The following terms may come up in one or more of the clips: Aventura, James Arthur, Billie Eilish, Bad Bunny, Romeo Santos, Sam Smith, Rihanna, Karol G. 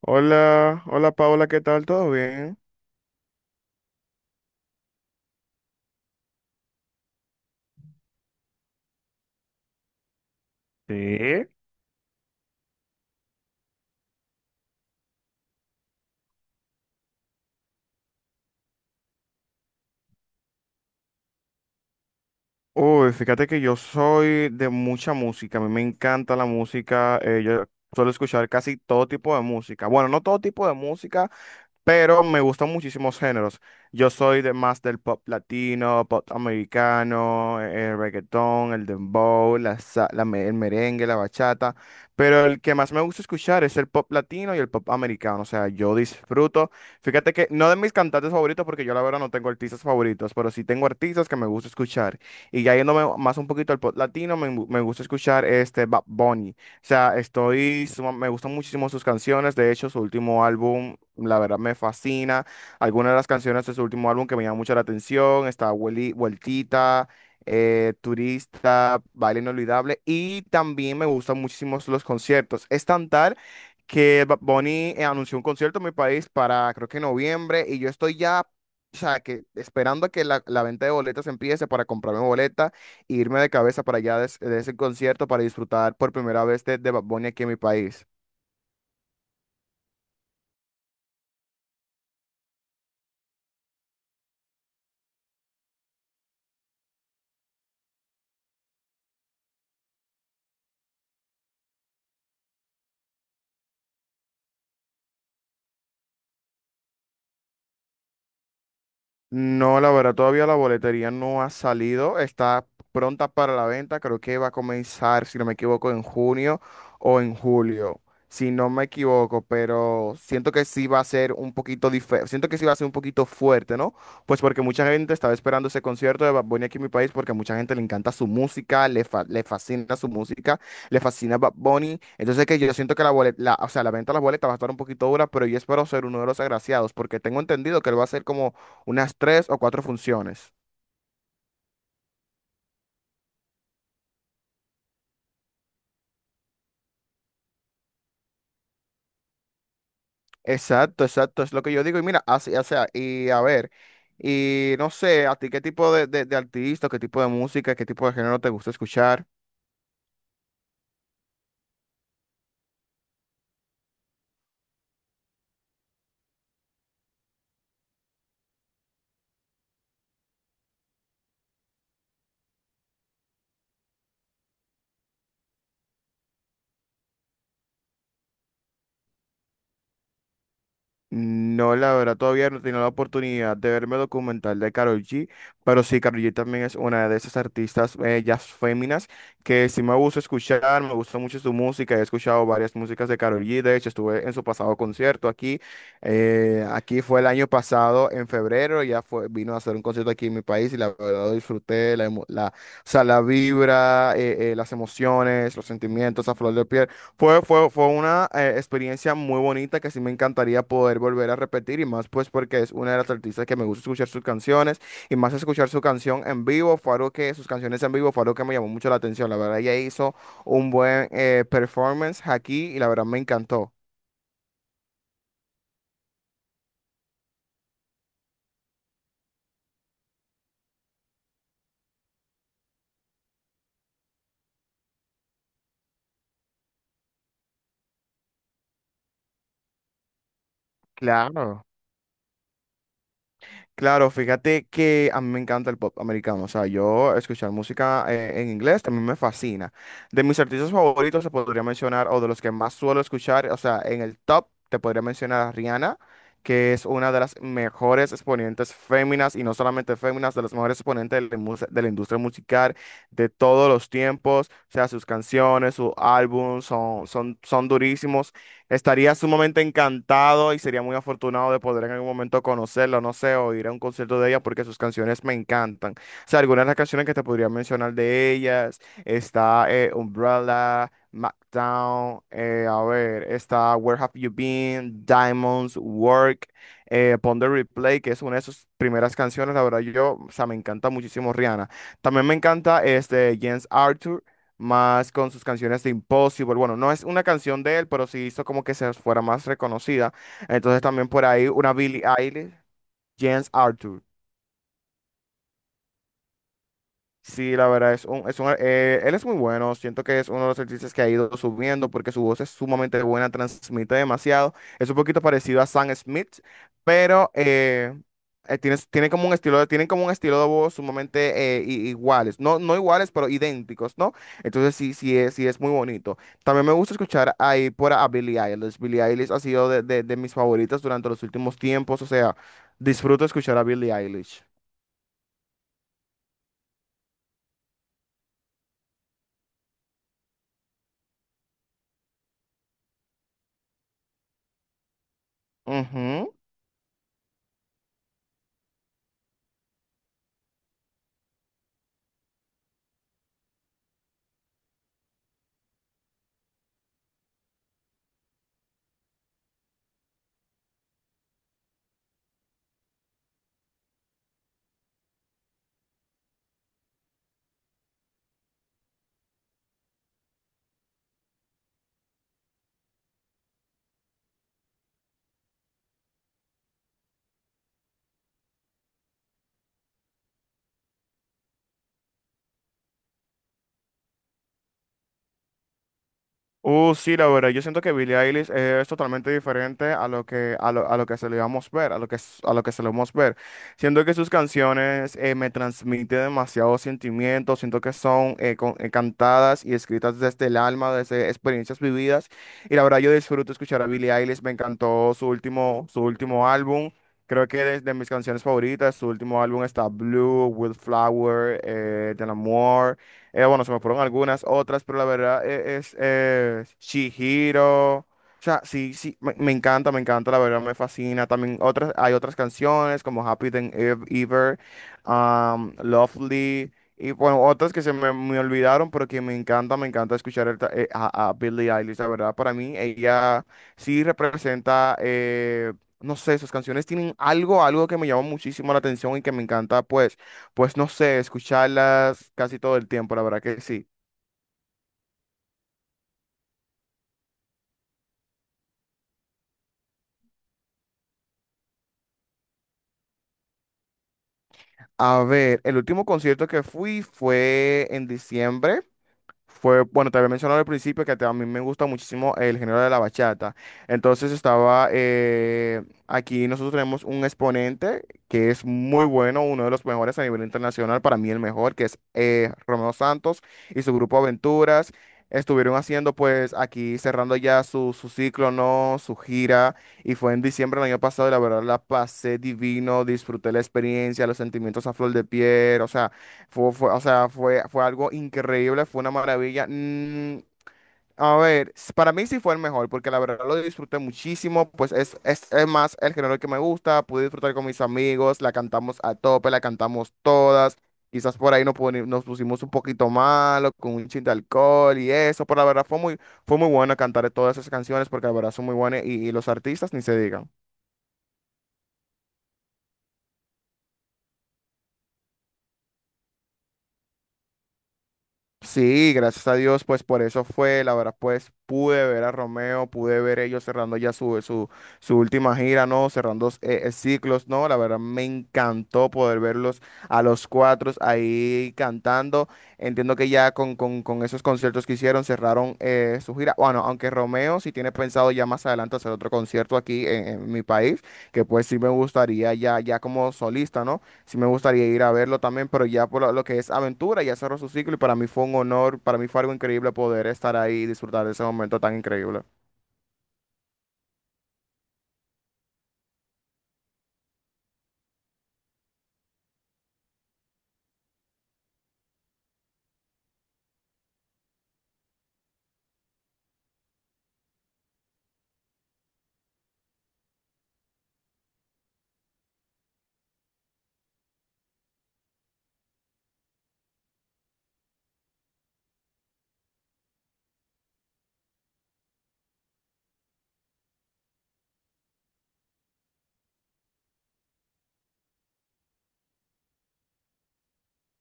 Hola, hola Paola, ¿qué tal? ¿Todo bien? Sí. Uy, fíjate que yo soy de mucha música, a mí me encanta la música, yo suelo escuchar casi todo tipo de música, bueno, no todo tipo de música, pero me gustan muchísimos géneros. Yo soy de más del pop latino, pop americano, el reggaetón, el dembow, la, sa- la me- el merengue, la bachata, pero el que más me gusta escuchar es el pop latino y el pop americano, o sea, yo disfruto. Fíjate que no de mis cantantes favoritos, porque yo la verdad no tengo artistas favoritos, pero sí tengo artistas que me gusta escuchar. Y ya yéndome más un poquito al pop latino, me gusta escuchar este Bad Bunny sea, me gustan muchísimo sus canciones. De hecho, su último álbum, la verdad, me fascina. Algunas de las canciones de su último álbum que me llaman mucho la atención, está Vueltita, Turista, Baile Inolvidable. Y también me gustan muchísimo los conciertos. Es tan tal que Bad Bunny anunció un concierto en mi país para, creo que noviembre, y yo estoy ya... O sea, que esperando a que la venta de boletas empiece para comprarme boletas e irme de cabeza para allá ese concierto para disfrutar por primera vez de Bad Bunny aquí en mi país. No, la verdad, todavía la boletería no ha salido, está pronta para la venta, creo que va a comenzar, si no me equivoco, en junio o en julio, si no me equivoco, pero siento que sí va a ser un poquito diferente, siento que sí va a ser un poquito fuerte, ¿no? Pues porque mucha gente estaba esperando ese concierto de Bad Bunny aquí en mi país porque a mucha gente le encanta su música, le fascina su música, le fascina Bad Bunny, entonces que yo siento que la boleta, o sea, la venta de las boletas va a estar un poquito dura, pero yo espero ser uno de los agraciados porque tengo entendido que él va a ser como unas tres o cuatro funciones. Exacto, exacto, es lo que yo digo. Y mira, así, o sea, y a ver, y no sé, a ti qué tipo de artista, qué tipo de música, qué tipo de género te gusta escuchar. No, la verdad, todavía no he tenido la oportunidad de verme el documental de Karol G, pero sí, Karol G también es una de esas artistas, jazz féminas, que sí me gusta escuchar, me gusta mucho su música, he escuchado varias músicas de Karol G, de hecho estuve en su pasado concierto aquí, aquí fue el año pasado, en febrero, ya fue, vino a hacer un concierto aquí en mi país y la verdad lo disfruté, la, o sea, la vibra, las emociones, los sentimientos a flor de piel. Fue una experiencia muy bonita que sí me encantaría poder volver a repetir y más pues porque es una de las artistas que me gusta escuchar sus canciones y más escuchar su canción en vivo fue algo que sus canciones en vivo fue algo que me llamó mucho la atención. La verdad ella hizo un buen performance aquí y la verdad me encantó. Claro. Claro, fíjate que a mí me encanta el pop americano, o sea, yo escuchar música en inglés también me fascina. De mis artistas favoritos se podría mencionar, o de los que más suelo escuchar, o sea, en el top te podría mencionar a Rihanna, que es una de las mejores exponentes féminas, y no solamente féminas, de las mejores exponentes de de la industria musical de todos los tiempos, o sea, sus canciones, sus álbumes son durísimos. Estaría sumamente encantado y sería muy afortunado de poder en algún momento conocerla, no sé, o ir a un concierto de ella porque sus canciones me encantan. O sea, algunas de las canciones que te podría mencionar de ellas, está Umbrella, Smackdown, a ver, está Where Have You Been, Diamonds, Work, Pon the Replay, que es una de sus primeras canciones, la verdad yo, o sea, me encanta muchísimo Rihanna. También me encanta este James Arthur más con sus canciones de Impossible. Bueno, no es una canción de él, pero sí hizo como que se fuera más reconocida. Entonces también por ahí una Billie Eilish, James Arthur. Sí, la verdad es un, él es muy bueno. Siento que es uno de los artistas que ha ido subiendo porque su voz es sumamente buena, transmite demasiado. Es un poquito parecido a Sam Smith, pero tiene, como un estilo, tienen como un estilo de voz sumamente iguales. No, no iguales, pero idénticos, ¿no? Entonces sí, sí es muy bonito. También me gusta escuchar ahí por a Billie Eilish. Billie Eilish ha sido de mis favoritas durante los últimos tiempos. O sea, disfruto escuchar a Billie Eilish. Ujú. Sí, la verdad, yo siento que Billie Eilish es totalmente diferente a lo que, a lo que se le vamos ver, a lo que, a lo que se le vamos ver. Siento que sus canciones me transmiten demasiados sentimientos, siento que son cantadas y escritas desde el alma, desde experiencias vividas. Y la verdad, yo disfruto escuchar a Billie Eilish, me encantó su último álbum. Creo que es de mis canciones favoritas, su último álbum está Blue, Wildflower, Del Amor. Bueno, se me fueron algunas otras, pero la verdad es Chihiro. O sea, sí, sí, me encanta, la verdad me fascina. También otras, hay otras canciones como Ever, Lovely, y bueno, otras que me olvidaron, pero que me encanta escuchar a Billie Eilish, la verdad, para mí ella sí representa, no sé, sus canciones tienen algo, algo que me llama muchísimo la atención y que me encanta, pues. Pues no sé, escucharlas casi todo el tiempo, la verdad que sí. A ver, el último concierto que fui fue en diciembre. Fue, bueno, te había mencionado al principio que a mí me gusta muchísimo el género de la bachata. Entonces estaba, aquí nosotros tenemos un exponente que es muy bueno, uno de los mejores a nivel internacional, para mí el mejor, que es Romeo Santos y su grupo Aventuras. Estuvieron haciendo pues aquí cerrando ya su ciclo, ¿no? Su gira. Y fue en diciembre del año pasado y la verdad la pasé divino, disfruté la experiencia, los sentimientos a flor de piel, o sea. O sea, fue algo increíble, fue una maravilla. Mm, a ver, para mí sí fue el mejor, porque la verdad lo disfruté muchísimo, pues es más el género que me gusta, pude disfrutar con mis amigos, la cantamos a tope, la cantamos todas, quizás por ahí nos pusimos un poquito malo, con un chin de alcohol y eso, pero la verdad fue muy bueno cantar todas esas canciones, porque la verdad son muy buenas y los artistas ni se digan. Sí, gracias a Dios, pues por eso fue, la verdad, pues pude ver a Romeo, pude ver ellos cerrando ya su última gira, ¿no? Cerrando ciclos, ¿no? La verdad me encantó poder verlos a los cuatro ahí cantando. Entiendo que ya con esos conciertos que hicieron cerraron su gira. Bueno, aunque Romeo sí tiene pensado ya más adelante hacer otro concierto aquí en mi país, que pues sí me gustaría ya, ya como solista, ¿no? Sí me gustaría ir a verlo también, pero ya por lo que es aventura, ya cerró su ciclo y para mí fue un honor, para mí fue algo increíble poder estar ahí y disfrutar de ese momento tan increíble.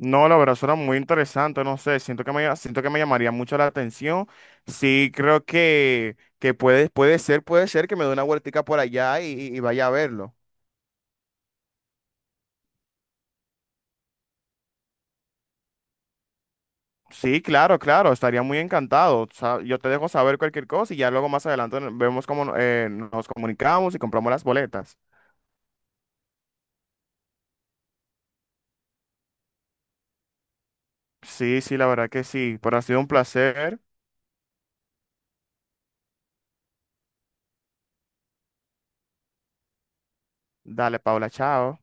No, la verdad suena muy interesante, no sé, siento que me llamaría mucho la atención. Sí, creo que, puede ser que me dé una vueltica por allá y vaya a verlo. Sí, claro, claro, estaría muy encantado. Yo te dejo saber cualquier cosa y ya luego más adelante vemos cómo nos comunicamos y compramos las boletas. Sí, sí, la verdad que sí, pero ha sido un placer. Dale, Paula, chao.